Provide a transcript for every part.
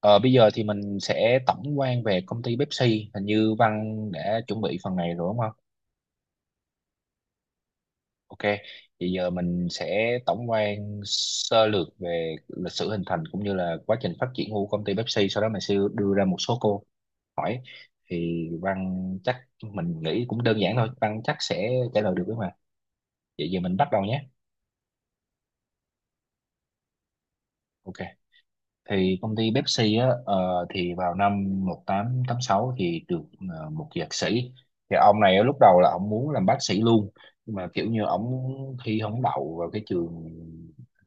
Ờ, bây giờ thì mình sẽ tổng quan về công ty Pepsi. Hình như Văn đã chuẩn bị phần này rồi, đúng không? Ok, thì giờ mình sẽ tổng quan sơ lược về lịch sử hình thành cũng như là quá trình phát triển của công ty Pepsi. Sau đó mình sẽ đưa ra một số câu hỏi. Thì Văn chắc mình nghĩ cũng đơn giản thôi. Văn chắc sẽ trả lời được đấy mà. Vậy giờ mình bắt đầu nhé. Ok, thì công ty Pepsi á, thì vào năm 1886 thì được, một dược sĩ. Thì ông này á, lúc đầu là ông muốn làm bác sĩ luôn, nhưng mà kiểu như ông thi không đậu vào cái trường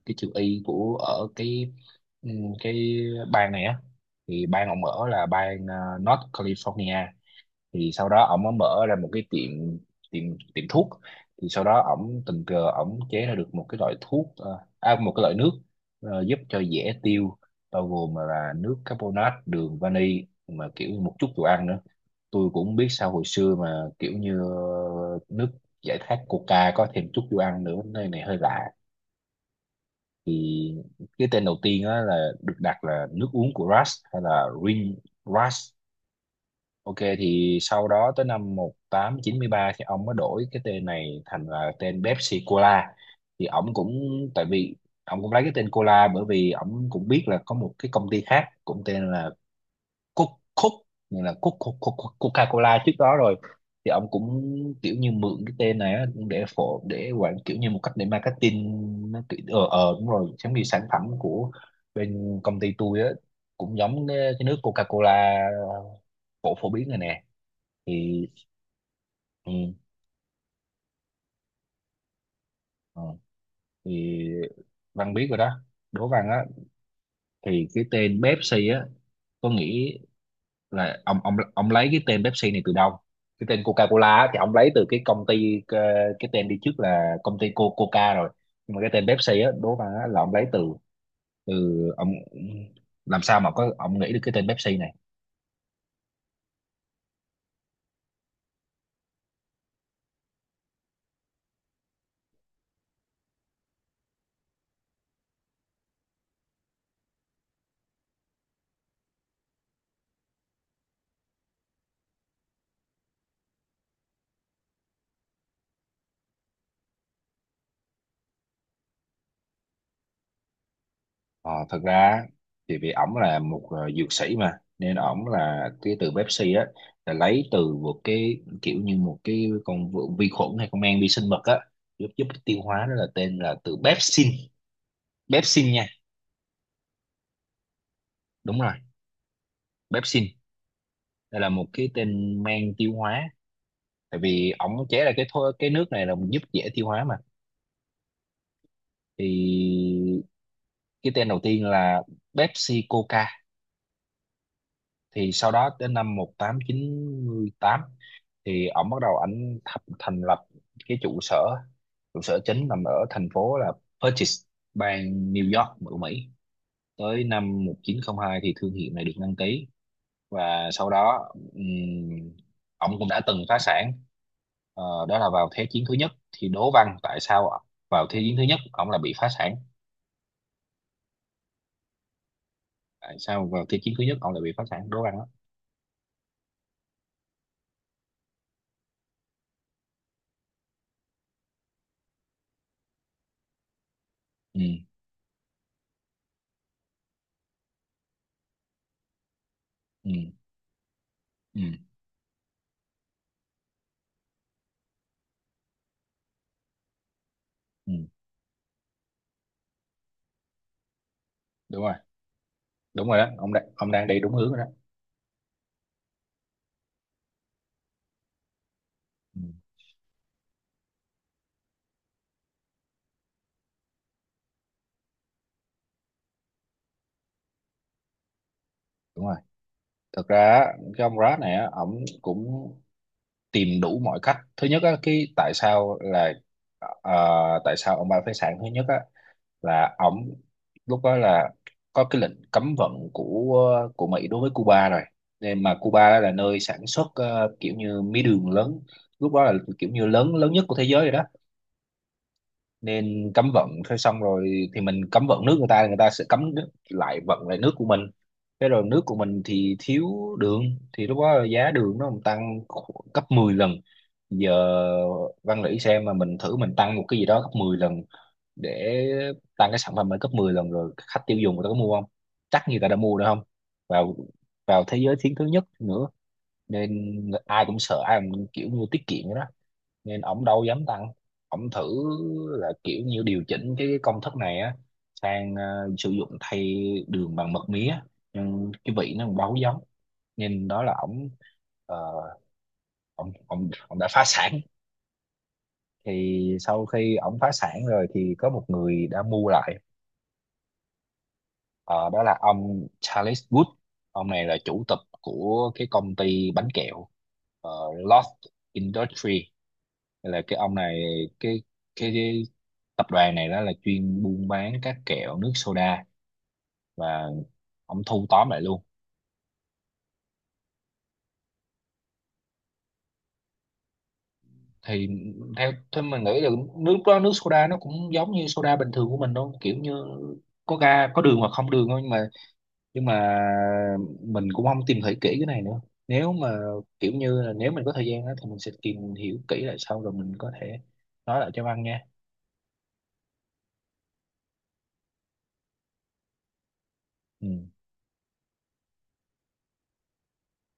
cái trường y của ở ừ, cái bang này á. Thì bang ông ở là bang North California. Thì sau đó ổng mới mở ra một cái tiệm tiệm tiệm thuốc. Thì sau đó ổng tình cờ ổng chế ra được một cái loại thuốc, một cái loại nước giúp cho dễ tiêu, bao gồm là nước carbonate, đường vani mà kiểu như một chút đồ ăn nữa. Tôi cũng không biết sao hồi xưa mà kiểu như nước giải khát coca có thêm chút đồ ăn nữa nơi này hơi lạ. Thì cái tên đầu tiên á là được đặt là nước uống của rust hay là Ring rust. Ok, thì sau đó tới năm 1893 thì ông mới đổi cái tên này thành là tên Pepsi Cola. Thì ông cũng, tại vì ông cũng lấy cái tên Cola bởi vì ông cũng biết là có một cái công ty khác cũng tên là Coke Coke như là Coke, Coke, Coke, Coca-Cola trước đó rồi. Thì ông cũng kiểu như mượn cái tên này á, để quảng kiểu như một cách để marketing. Nó kiểu đúng rồi, giống như sản phẩm của bên công ty tôi á, cũng giống cái nước Coca-Cola phổ phổ biến rồi nè. Thì ừ. Ờ. Thì Văn biết rồi đó. Đố Văn á, thì cái tên Pepsi á, có nghĩ là ông lấy cái tên Pepsi này từ đâu. Cái tên Coca-Cola á, thì ông lấy từ cái công ty, cái tên đi trước là công ty Coca rồi. Nhưng mà cái tên Pepsi á, Đố Văn á, là ông lấy từ từ ông làm sao mà có ông nghĩ được cái tên Pepsi này. Ờ, thật ra thì vì ổng là một dược sĩ mà, nên ổng là cái từ Pepsi á là lấy từ một cái kiểu như một cái con vi vi khuẩn hay con men vi sinh vật á, giúp giúp tiêu hóa đó là tên là từ pepsin. Pepsin nha. Đúng rồi, pepsin, đây là một cái tên men tiêu hóa. Tại vì ổng chế ra cái thô, cái nước này là giúp dễ tiêu hóa mà. Thì cái tên đầu tiên là Pepsi Coca. Thì sau đó đến năm 1898 thì ổng bắt đầu thành lập cái trụ sở chính nằm ở thành phố là Purchase, bang New York của Mỹ. Tới năm 1902 thì thương hiệu này được đăng ký, và sau đó ổng cũng đã từng phá sản. Đó là vào Thế chiến thứ nhất. Thì đố Văn tại sao vào Thế chiến thứ nhất ổng là bị phá sản, tại sao vào Thế chiến thứ nhất ổng lại bị phá sản, đố Văn đó. Ừ, ừ, ừ, ừ, đúng rồi, đúng rồi đó, ông đang đi đúng hướng rồi đó. Ừ, đúng rồi. Thực ra á, cái ông Brad này á, ổng cũng tìm đủ mọi cách. Thứ nhất á, cái tại sao là ờ, tại sao ông Buffett sản thứ nhất á là ổng lúc đó là có cái lệnh cấm vận của Mỹ đối với Cuba rồi, nên mà Cuba là nơi sản xuất kiểu như mía đường lớn, lúc đó là kiểu như lớn lớn nhất của thế giới rồi đó. Nên cấm vận thế xong rồi thì mình cấm vận nước người ta thì người ta sẽ cấm nước, lại vận lại nước của mình. Thế rồi nước của mình thì thiếu đường, thì lúc đó giá đường nó còn tăng gấp 10 lần. Giờ Văn Lĩ xem mà mình thử mình tăng một cái gì đó gấp 10 lần để tăng cái sản phẩm lên gấp 10 lần rồi khách tiêu dùng người ta có mua không, chắc người ta đã mua được không. Vào vào thế giới thiến thứ nhất nữa, nên ai cũng sợ, ai cũng kiểu như tiết kiệm vậy đó, nên ổng đâu dám tăng. Ổng thử là kiểu như điều chỉnh cái công thức này á sang sử dụng thay đường bằng mật mía, nhưng cái vị nó còn đâu có giống. Nhìn đó là ổng ờ, ổng ổng ổng đã phá sản. Thì sau khi ổng phá sản rồi thì có một người đã mua lại. Ờ, đó là ông Charles Wood. Ông này là chủ tịch của cái công ty bánh kẹo Lost Industry. Là cái ông này, cái cái tập đoàn này đó là chuyên buôn bán các kẹo nước soda, và ông thu tóm lại luôn. Thì theo theo mình nghĩ là nước đó nước soda nó cũng giống như soda bình thường của mình thôi, kiểu như có ga có đường hoặc không đường thôi, nhưng mà mình cũng không tìm hiểu kỹ cái này nữa. Nếu mà kiểu như là nếu mình có thời gian đó, thì mình sẽ tìm hiểu kỹ lại sau rồi mình có thể nói lại cho Văn nha. Ừ.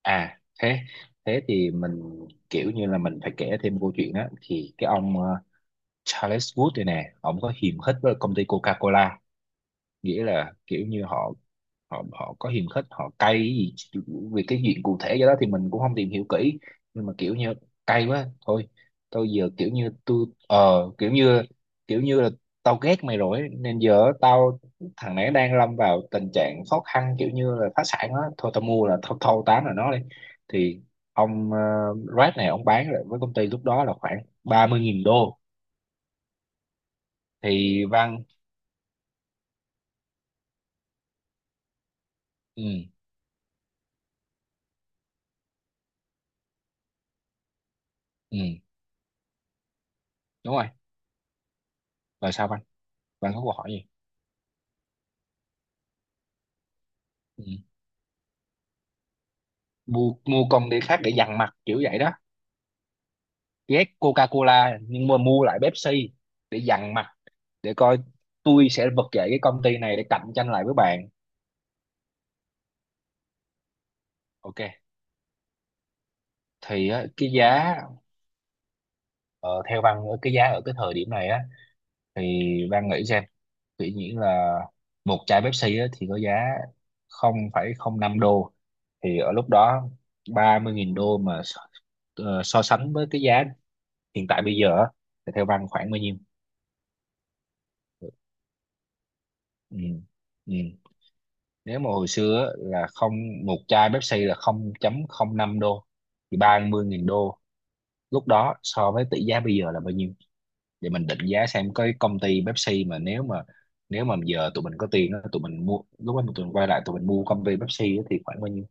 À thế thế thì mình kiểu như là mình phải kể thêm câu chuyện đó. Thì cái ông Charles Wood đây nè, ông có hiềm khích với công ty Coca-Cola, nghĩa là kiểu như họ, họ có hiềm khích, họ cay cái gì. Vì cái chuyện cụ thể cho đó thì mình cũng không tìm hiểu kỹ, nhưng mà kiểu như cay quá thôi. Tôi giờ kiểu như tôi, kiểu như là tao ghét mày rồi ấy, nên giờ tao, thằng này đang lâm vào tình trạng khó khăn kiểu như là phá sản á, thôi tao mua là thâu thâu tán là nó đi. Thì ông Red này ông bán lại với công ty lúc đó là khoảng 30.000 đô. Thì Văn. Ừ, ừ, đúng rồi, rồi sao bạn bạn có câu hỏi gì. Ừ. mua mua con đĩa khác để dằn mặt kiểu vậy đó. Ghét Coca-Cola nhưng mà mua lại Pepsi để dằn mặt, để coi, tôi sẽ vực dậy cái công ty này để cạnh tranh lại với bạn. Ok, thì á, cái giá, ờ, theo Văn, cái giá ở cái thời điểm này á, thì Văn nghĩ xem, tự nhiên là một chai Pepsi á, thì có giá 0,05 đô. Thì ở lúc đó 30.000 đô mà so sánh với cái giá hiện tại bây giờ á, thì theo Văn khoảng bao nhiêu. Ừ. Ừ. Nếu mà hồi xưa á, là không một chai Pepsi là 0,05 đô, thì 30.000 đô lúc đó so với tỷ giá bây giờ là bao nhiêu, để mình định giá xem cái công ty Pepsi mà nếu mà, giờ tụi mình có tiền á, tụi mình mua lúc đó, tụi mình quay lại tụi mình mua công ty Pepsi á, thì khoảng bao nhiêu.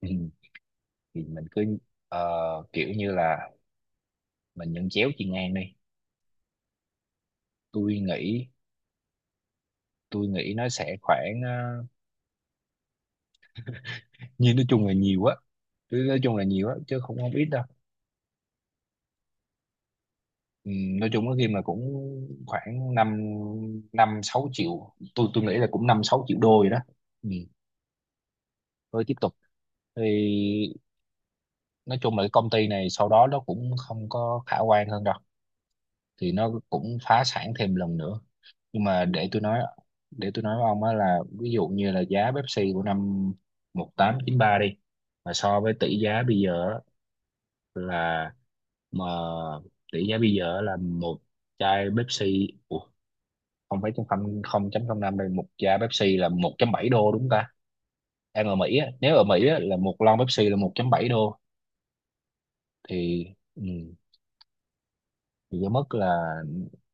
Ừ. Thì mình cứ ờ, kiểu như là mình nhận chéo chiên ngang đi. tôi nghĩ tôi nghĩ nó sẽ khoảng nhìn nói chung là nhiều á. Chứ nói chung là nhiều á chứ không không ít đâu. Ừ, nói chung có khi mà cũng khoảng năm năm sáu triệu, tôi nghĩ là cũng năm sáu triệu đô rồi đó. Ừ, rồi tiếp tục thì nói chung là cái công ty này sau đó nó cũng không có khả quan hơn đâu, thì nó cũng phá sản thêm lần nữa. Nhưng mà để tôi nói với ông á, là ví dụ như là giá Pepsi của năm 1893 đi, mà so với tỷ giá bây giờ á, là mà tỷ giá bây giờ là một chai Pepsi Ủa, không phải không không chấm không năm, đây một chai Pepsi là 1.7 đô đúng không ta? Đang ở Mỹ á, nếu ở Mỹ á, là một lon Pepsi là 1.7 đô. Thì ừ, thì cái mức là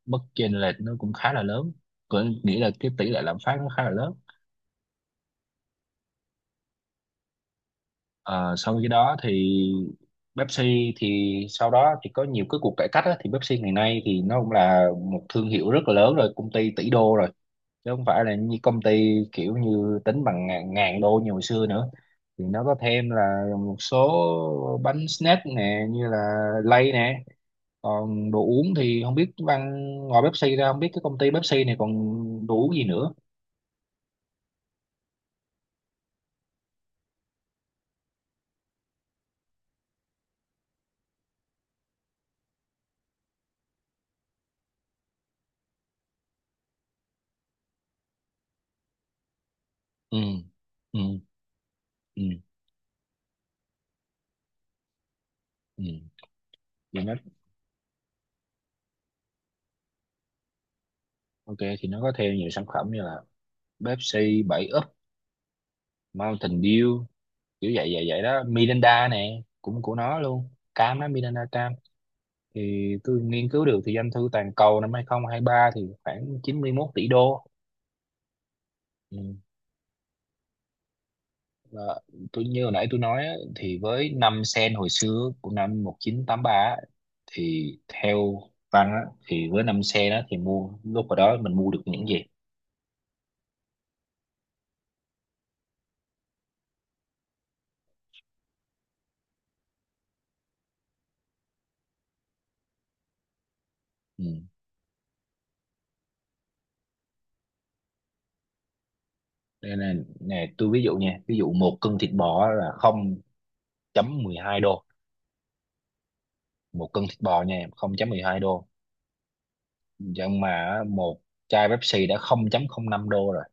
mức chênh lệch nó cũng khá là lớn, có nghĩa là cái tỷ lệ lạm phát nó khá là lớn. Ờ, sau khi đó thì Pepsi thì sau đó thì có nhiều cái cuộc cải cách á, thì Pepsi ngày nay thì nó cũng là một thương hiệu rất là lớn rồi, công ty tỷ đô rồi, chứ không phải là như công ty kiểu như tính bằng ngàn đô như hồi xưa nữa. Thì nó có thêm là một số bánh snack nè, như là lay nè. Còn đồ uống thì không biết Văn, ngoài Pepsi ra không biết cái công ty Pepsi này còn đồ uống gì nữa. Ừ. Ừ. Ừ. Ừ. thì nó Ok, thì nó có thêm nhiều sản phẩm như là Pepsi, 7 Up, Mountain Dew, kiểu vậy vậy vậy đó. Miranda nè cũng của nó luôn, cam đó, Miranda cam. Thì tôi nghiên cứu được thì doanh thu toàn cầu năm 2023 thì khoảng 91 tỷ đô. Ừ. Và tôi như hồi nãy tôi nói á, thì với 5 sen hồi xưa của năm 1983 á, thì theo Văn á, thì với 5 sen đó thì mua lúc hồi đó mình mua được những gì? Ừ. Đây là Nè tôi ví dụ nha, ví dụ một cân thịt bò là không chấm mười hai đô, một cân thịt bò nha, không chấm mười hai đô. Nhưng mà á, một chai Pepsi đã không chấm không năm đô rồi.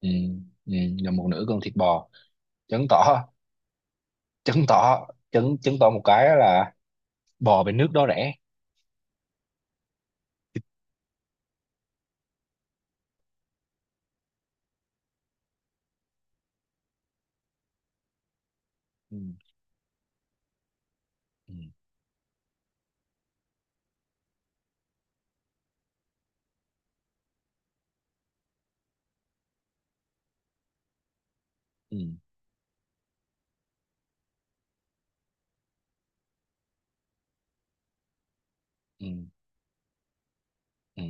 Ừ. Ừ. Là một nửa cân thịt bò. Chứng tỏ, chứng tỏ chứng chứng tỏ một cái là bò bên nước đó rẻ. Ừ. Ừ. Ừ. Ừ. Ừ.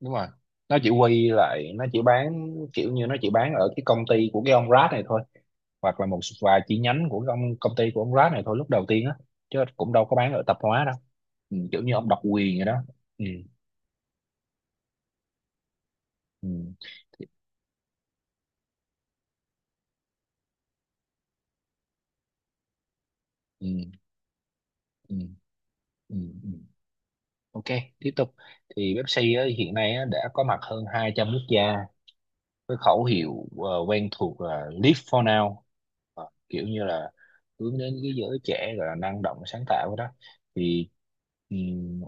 Đúng rồi, nó chỉ bán kiểu như nó chỉ bán ở cái công ty của cái ông Rad này thôi, hoặc là một vài chi nhánh của công công ty của ông Rad này thôi lúc đầu tiên á, chứ cũng đâu có bán ở tạp hóa đâu. Ừ, kiểu như ông độc quyền vậy đó. Ừ. Ừ. Ừ. Ừ. Ừ. Ừ. Ok, tiếp tục. Thì Pepsi á, hiện nay á, đã có mặt hơn 200 quốc gia. Cái khẩu hiệu quen thuộc là Live for now. Ờ, kiểu như là hướng đến cái giới trẻ, gọi là năng động sáng tạo đó. Thì ừm,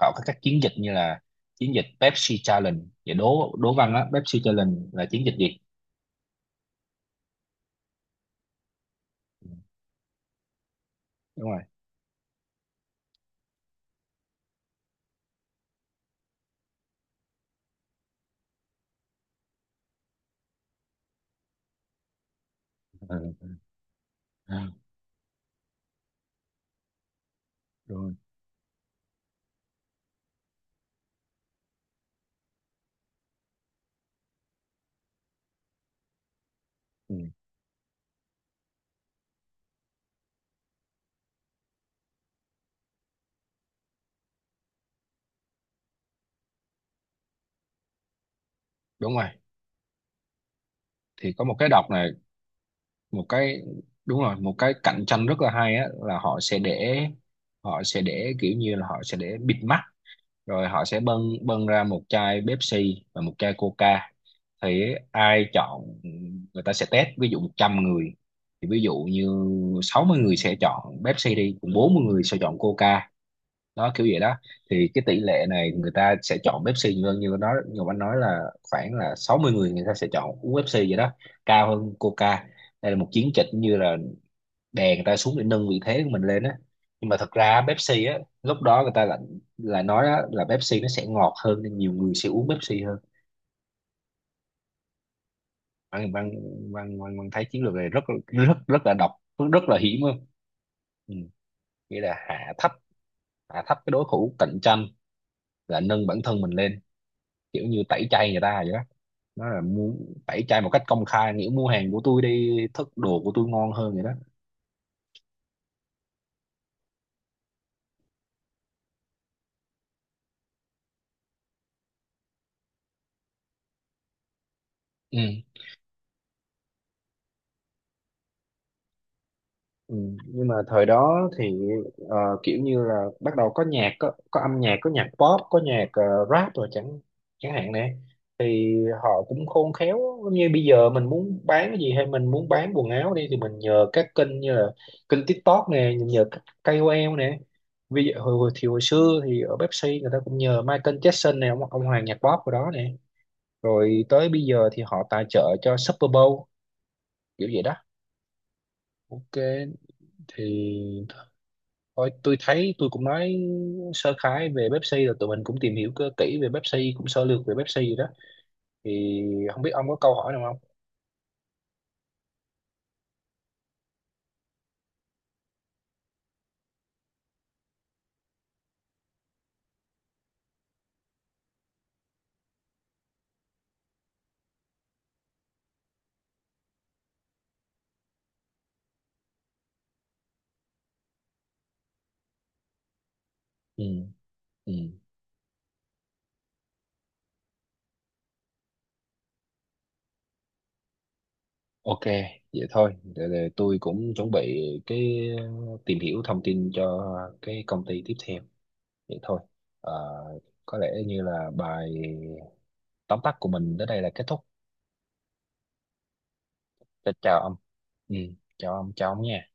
họ có các chiến dịch như là chiến dịch Pepsi Challenge. Và đố đố Văn á, Pepsi Challenge là chiến dịch gì? Ừ, đúng rồi. Ừ. Ừ. Ừ. Rồi. Ừ. Đúng rồi, thì có một cái đọc này, một cái, đúng rồi, một cái cạnh tranh rất là hay á, là họ sẽ để kiểu như là họ sẽ để bịt mắt, rồi họ sẽ bưng bưng ra một chai Pepsi và một chai Coca. Thì ai chọn, người ta sẽ test ví dụ 100 người, thì ví dụ như 60 người sẽ chọn Pepsi đi, còn 40 người sẽ chọn Coca, đó kiểu vậy đó. Thì cái tỷ lệ này người ta sẽ chọn Pepsi nhiều hơn, như nó như anh nói là khoảng là 60 người người ta sẽ chọn uống Pepsi vậy đó, cao hơn Coca. Đây là một chiến dịch như là đè người ta xuống để nâng vị thế của mình lên á. Nhưng mà thật ra Pepsi á lúc đó người ta lại là nói á, là Pepsi nó sẽ ngọt hơn nên nhiều người sẽ uống Pepsi hơn. Văn Văn Văn Văn Văn thấy chiến lược này rất rất rất là độc, rất là hiểm luôn. Ừ. Nghĩa là hạ thấp, hạ thấp cái đối thủ cạnh tranh là nâng bản thân mình lên, kiểu như tẩy chay người ta vậy đó. Nó là muốn tẩy chay một cách công khai, nghĩa mua hàng của tôi đi, thức đồ của tôi ngon hơn vậy đó. Ừ. Ừ, nhưng mà thời đó thì ờ, kiểu như là bắt đầu có có âm nhạc, có nhạc pop, có nhạc rap rồi chẳng chẳng hạn nè. Thì họ cũng khôn khéo, như bây giờ mình muốn bán cái gì hay mình muốn bán quần áo đi, thì mình nhờ các kênh như là kênh TikTok nè, nhờ các KOL nè. Ví dụ hồi xưa thì ở Pepsi người ta cũng nhờ Michael Jackson nè, ông hoàng nhạc pop của đó nè. Rồi tới bây giờ thì họ tài trợ cho Super Bowl, kiểu vậy đó. Ok, thì thôi tôi thấy tôi cũng nói sơ khái về Pepsi rồi, tụi mình cũng tìm hiểu cơ kỹ về Pepsi, cũng sơ lược về Pepsi rồi đó. Thì không biết ông có câu hỏi nào không? Ừ. Ừ. Ok, vậy thôi. Để tôi cũng chuẩn bị cái tìm hiểu thông tin cho cái công ty tiếp theo. Vậy thôi. Ờ, có lẽ như là bài tóm tắt của mình tới đây là kết thúc. Chào ông. Ừ, chào ông nha.